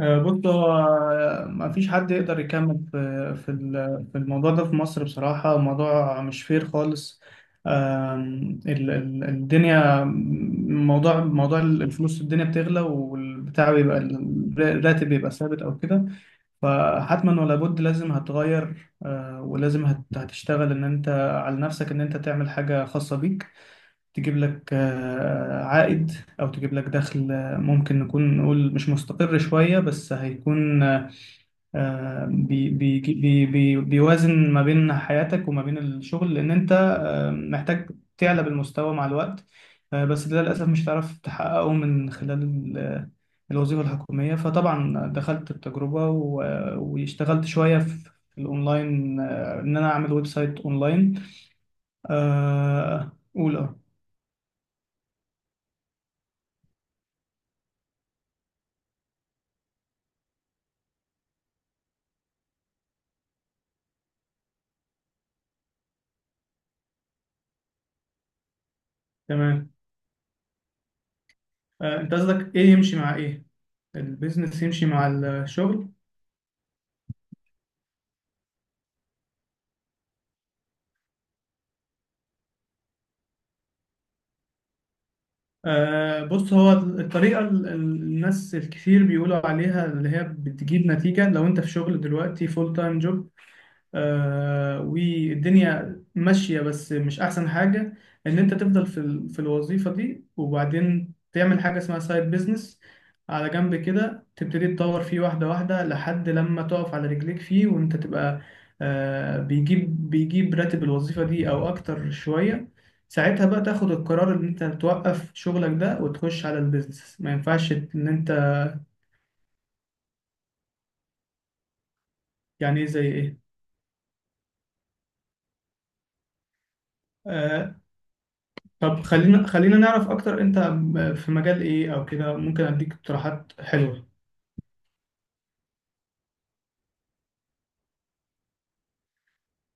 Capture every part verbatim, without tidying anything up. آه، بص هو ما فيش حد يقدر يكمل في في ال- في الموضوع ده في مصر بصراحة. موضوع مش فير خالص. آم، ال- ال- الدنيا، موضوع موضوع الفلوس، الدنيا بتغلى والبتاع بيبقى ال- الراتب بيبقى ثابت أو كده. فحتما ولا بد لازم هتغير، آه، ولازم هت- هتشتغل إن أنت على نفسك، إن أنت تعمل حاجة خاصة بيك، تجيب لك آه، عائد أو تجيب لك دخل. آه، ممكن نكون نقول مش مستقر شوية، بس هيكون، آه، بي بي بي بي بيوازن ما بين حياتك وما بين الشغل، لأن أنت آه، محتاج تعلى بالمستوى مع الوقت. آه، بس ده للأسف مش هتعرف تحققه من خلال ال- آه، الوظيفة الحكومية. فطبعا دخلت التجربة و- آه، واشتغلت شوية في الأونلاين، آه، إن أنا أعمل ويب سايت أونلاين. آه، قول أه. تمام. آه، انت قصدك ايه يمشي مع ايه؟ البيزنس يمشي مع الشغل؟ آه، بص، هو الطريقة ال- ال- الناس الكثير بيقولوا عليها اللي هي بتجيب نتيجة، لو انت في شغل دلوقتي فول تايم جوب، آه، والدنيا ماشية، بس مش أحسن حاجة إن أنت تفضل في, ال... في الوظيفة دي، وبعدين تعمل حاجة اسمها سايد بيزنس على جنب كده، تبتدي تطور فيه واحدة واحدة لحد لما تقف على رجليك فيه، وأنت تبقى آه بيجيب بيجيب راتب الوظيفة دي أو أكتر شوية. ساعتها بقى تاخد القرار إن أنت توقف شغلك ده وتخش على البيزنس. ما ينفعش إن أنت، يعني إيه زي إيه؟ آه، طب خلينا خلينا نعرف اكتر، انت م- في مجال ايه او كده، ممكن اديك اقتراحات حلوه.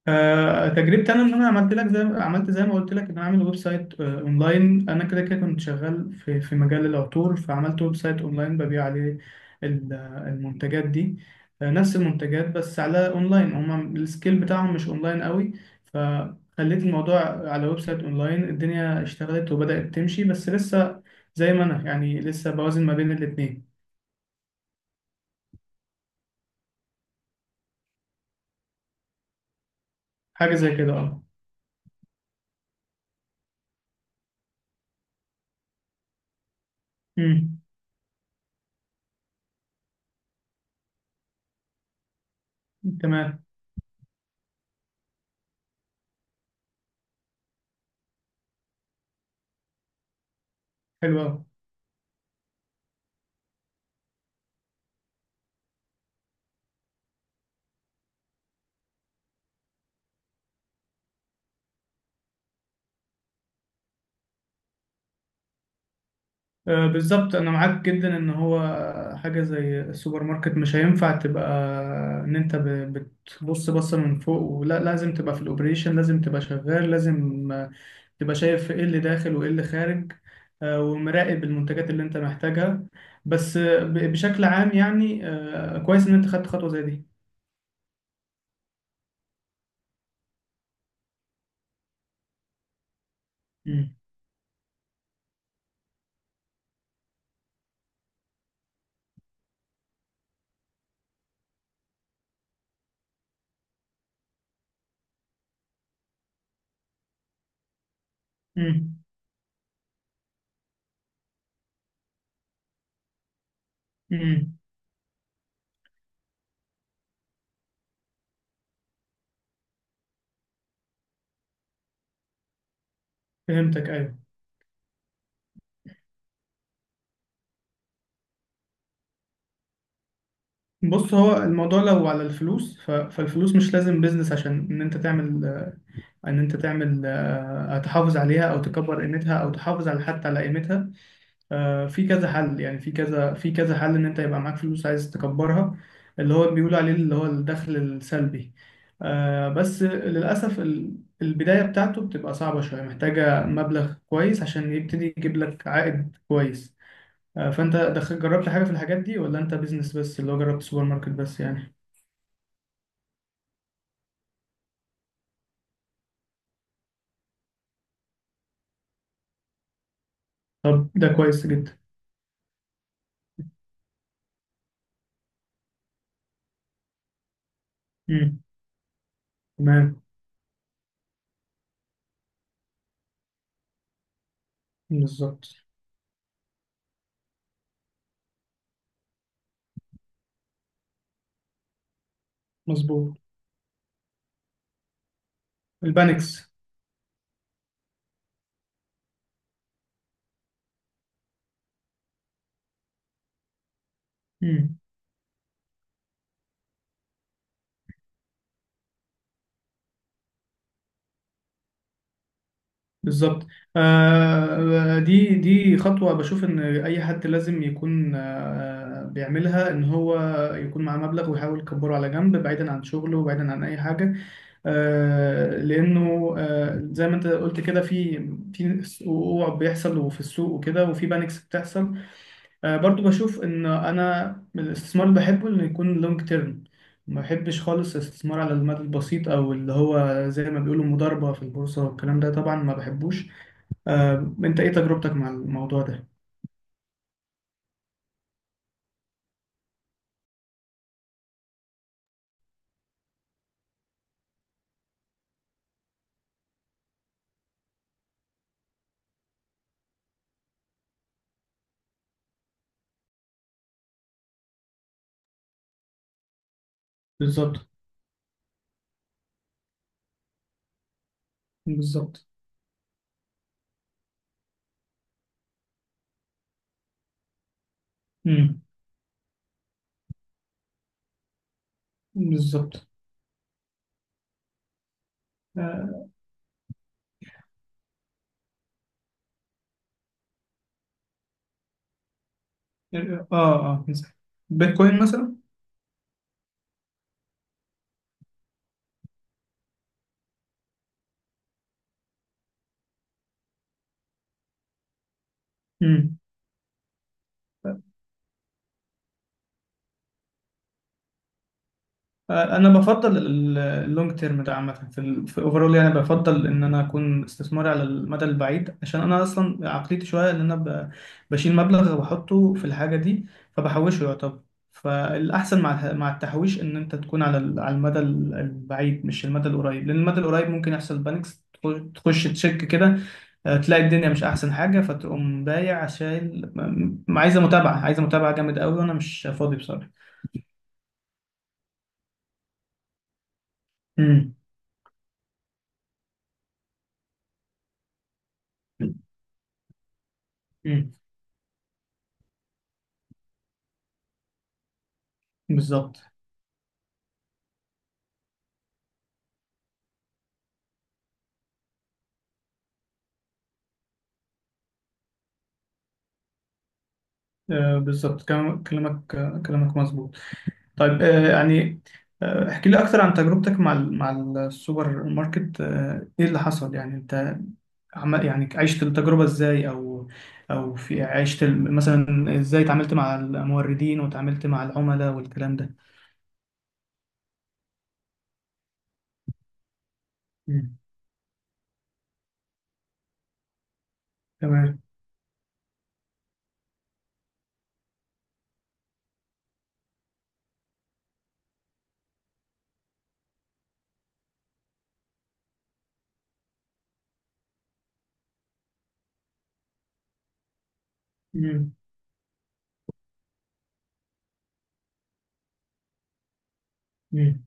آه، تجربتي انا، ان انا عملت لك زي، عملت زي ما قلت لك، ان انا عامل ويب سايت، آه، اونلاين. انا كده كده كنت شغال في في مجال العطور، فعملت ويب سايت اونلاين ببيع عليه ال- آه، المنتجات دي. آه، نفس المنتجات بس على اونلاين، هما السكيل بتاعهم مش اونلاين قوي. فخليت الموضوع على ويب سايت اونلاين، الدنيا اشتغلت وبدأت تمشي، بس لسه زي ما انا يعني لسه بوازن ما بين الاتنين. حاجة زي كده، اه. امم. تمام. حلو أوي. آه، بالظبط، أنا معاك جدا إن هو حاجة زي السوبر ماركت مش هينفع تبقى إن أنت ب- بتبص بصة من فوق، ولا لازم تبقى في الأوبريشن، لازم تبقى شغال، لازم آه، تبقى شايف إيه اللي داخل وإيه اللي خارج، آه، ومراقب المنتجات اللي أنت محتاجها. بس آه، ب- بشكل عام يعني، آه، كويس إن أنت خدت خطوة زي دي. امم. امم. امم. فهمتك، أيوه. بص، هو الموضوع لو على الفلوس، ف- فالفلوس مش لازم بيزنس عشان ان انت تعمل، ان انت تعمل آه، تحافظ عليها، او تكبر قيمتها، او تحافظ على حتى على قيمتها. آه، في كذا حل، يعني في كذا، في كذا حل ان انت يبقى معاك فلوس عايز تكبرها، اللي هو بيقولوا عليه اللي هو الدخل السلبي. آه، بس للاسف ال- البداية بتاعته بتبقى صعبة شوية، محتاجة مبلغ كويس عشان يبتدي يجيب لك عائد كويس. آه، فانت دخل، جربت حاجة في الحاجات دي، ولا انت بيزنس بس اللي هو جربت سوبر ماركت بس يعني؟ طب ده كويس جدا. امم. تمام. بالظبط. مظبوط. البانكس. امم. بالظبط. آه، دي دي خطوة بشوف ان اي حد لازم يكون آه بيعملها، ان هو يكون معاه مبلغ ويحاول يكبره على جنب، بعيدا عن شغله وبعيدا عن اي حاجة. آه، لانه آه زي ما انت قلت كده، في في وقوع بيحصل وفي السوق وكده، وفي بانكس بتحصل. آه، برضو بشوف ان انا من الاستثمار اللي بحبه انه يكون لونج تيرم، ما بحبش خالص الاستثمار على المدى البسيط، او اللي هو زي ما بيقولوا مضاربة في البورصة والكلام ده طبعا ما بحبوش. آه، انت ايه تجربتك مع الموضوع ده؟ بالظبط. بالظبط. امم. بالظبط. اه، اه. آه، بيتكوين مثلا. مم. انا بفضل ال- اللونج تيرم ده عامه، في ال- في اوفرول يعني، بفضل ان انا اكون استثماري على المدى البعيد، عشان انا اصلا عقليتي شويه ان انا ب- بشيل مبلغ وبحطه في الحاجه دي فبحوشه يعتبر. فالاحسن مع الح- مع التحويش ان انت تكون على ال- على المدى ال- البعيد، مش المدى القريب، لان المدى القريب ممكن يحصل بانكس، تخش تخش تشك كده، آه، تلاقي الدنيا مش احسن حاجه، فتقوم بايع، عشان م- م- عايزه متابعه، عايزه متابعه جامد قوي وانا مش فاضي بصراحه. امم. امم. بالظبط. آه، بالظبط كلام- كلامك، آه، كلامك مظبوط. طيب، آه، يعني آه، احكي لي اكتر عن تجربتك مع ال- مع السوبر ماركت. آه، ايه اللي حصل يعني، انت عمل يعني، عشت التجربة ازاي، او او في عشت ال- مثلا ازاي اتعاملت مع الموردين وتعاملت مع العملاء والكلام ده؟ مم. تمام. مم. مم.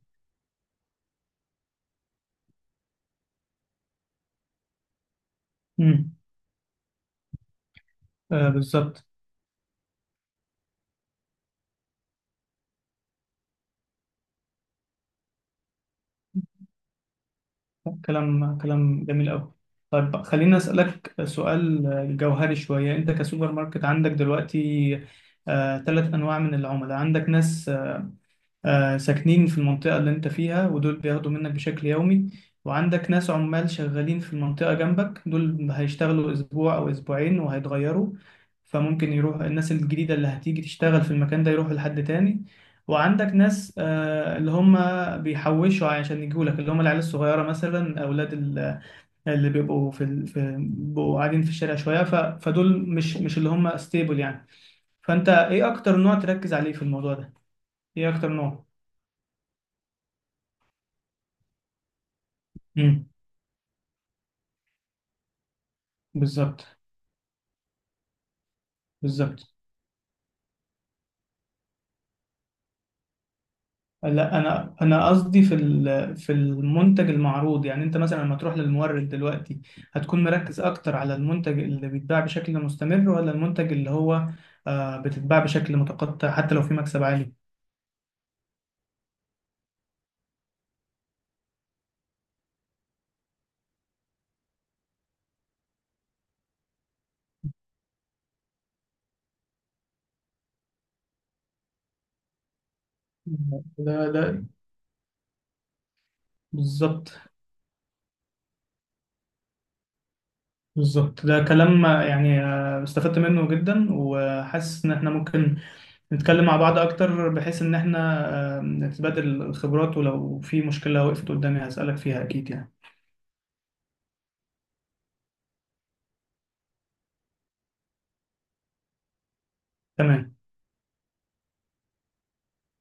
مم. آه، بالظبط. كلام كلام جميل قوي. طيب، خليني أسألك سؤال جوهري شوية. أنت كسوبر ماركت عندك دلوقتي آه، ثلاث أنواع من العملاء: عندك ناس آه، ساكنين في المنطقة اللي انت فيها ودول بياخدوا منك بشكل يومي، وعندك ناس عمال شغالين في المنطقة جنبك، دول هيشتغلوا أسبوع أو أسبوعين وهيتغيروا، فممكن يروح الناس الجديدة اللي هتيجي تشتغل في المكان ده يروحوا لحد تاني، وعندك ناس آه، اللي هم بيحوشوا عشان يجوا لك، اللي هم العيال الصغيرة مثلا، أولاد ال- اللي بيبقوا في ال... في بيبقوا قاعدين في الشارع شوية، ف... فدول مش مش اللي هم ستيبل يعني. فأنت إيه أكتر نوع تركز عليه في الموضوع ده؟ إيه أكتر نوع؟ بالظبط. بالظبط. لا، انا انا قصدي في ال- في المنتج المعروض، يعني انت مثلا لما تروح للمورد دلوقتي، هتكون مركز اكتر على المنتج اللي بيتباع بشكل مستمر، ولا المنتج اللي هو آه، بتتباع بشكل متقطع حتى لو في مكسب عالي؟ ده ده بالظبط. بالظبط، ده كلام يعني آه، استفدت منه جدا، وحاسس ان احنا ممكن نتكلم مع بعض اكتر بحيث ان احنا آه، نتبادل الخبرات، ولو في مشكلة وقفت قدامي هسألك فيها اكيد يعني. تمام.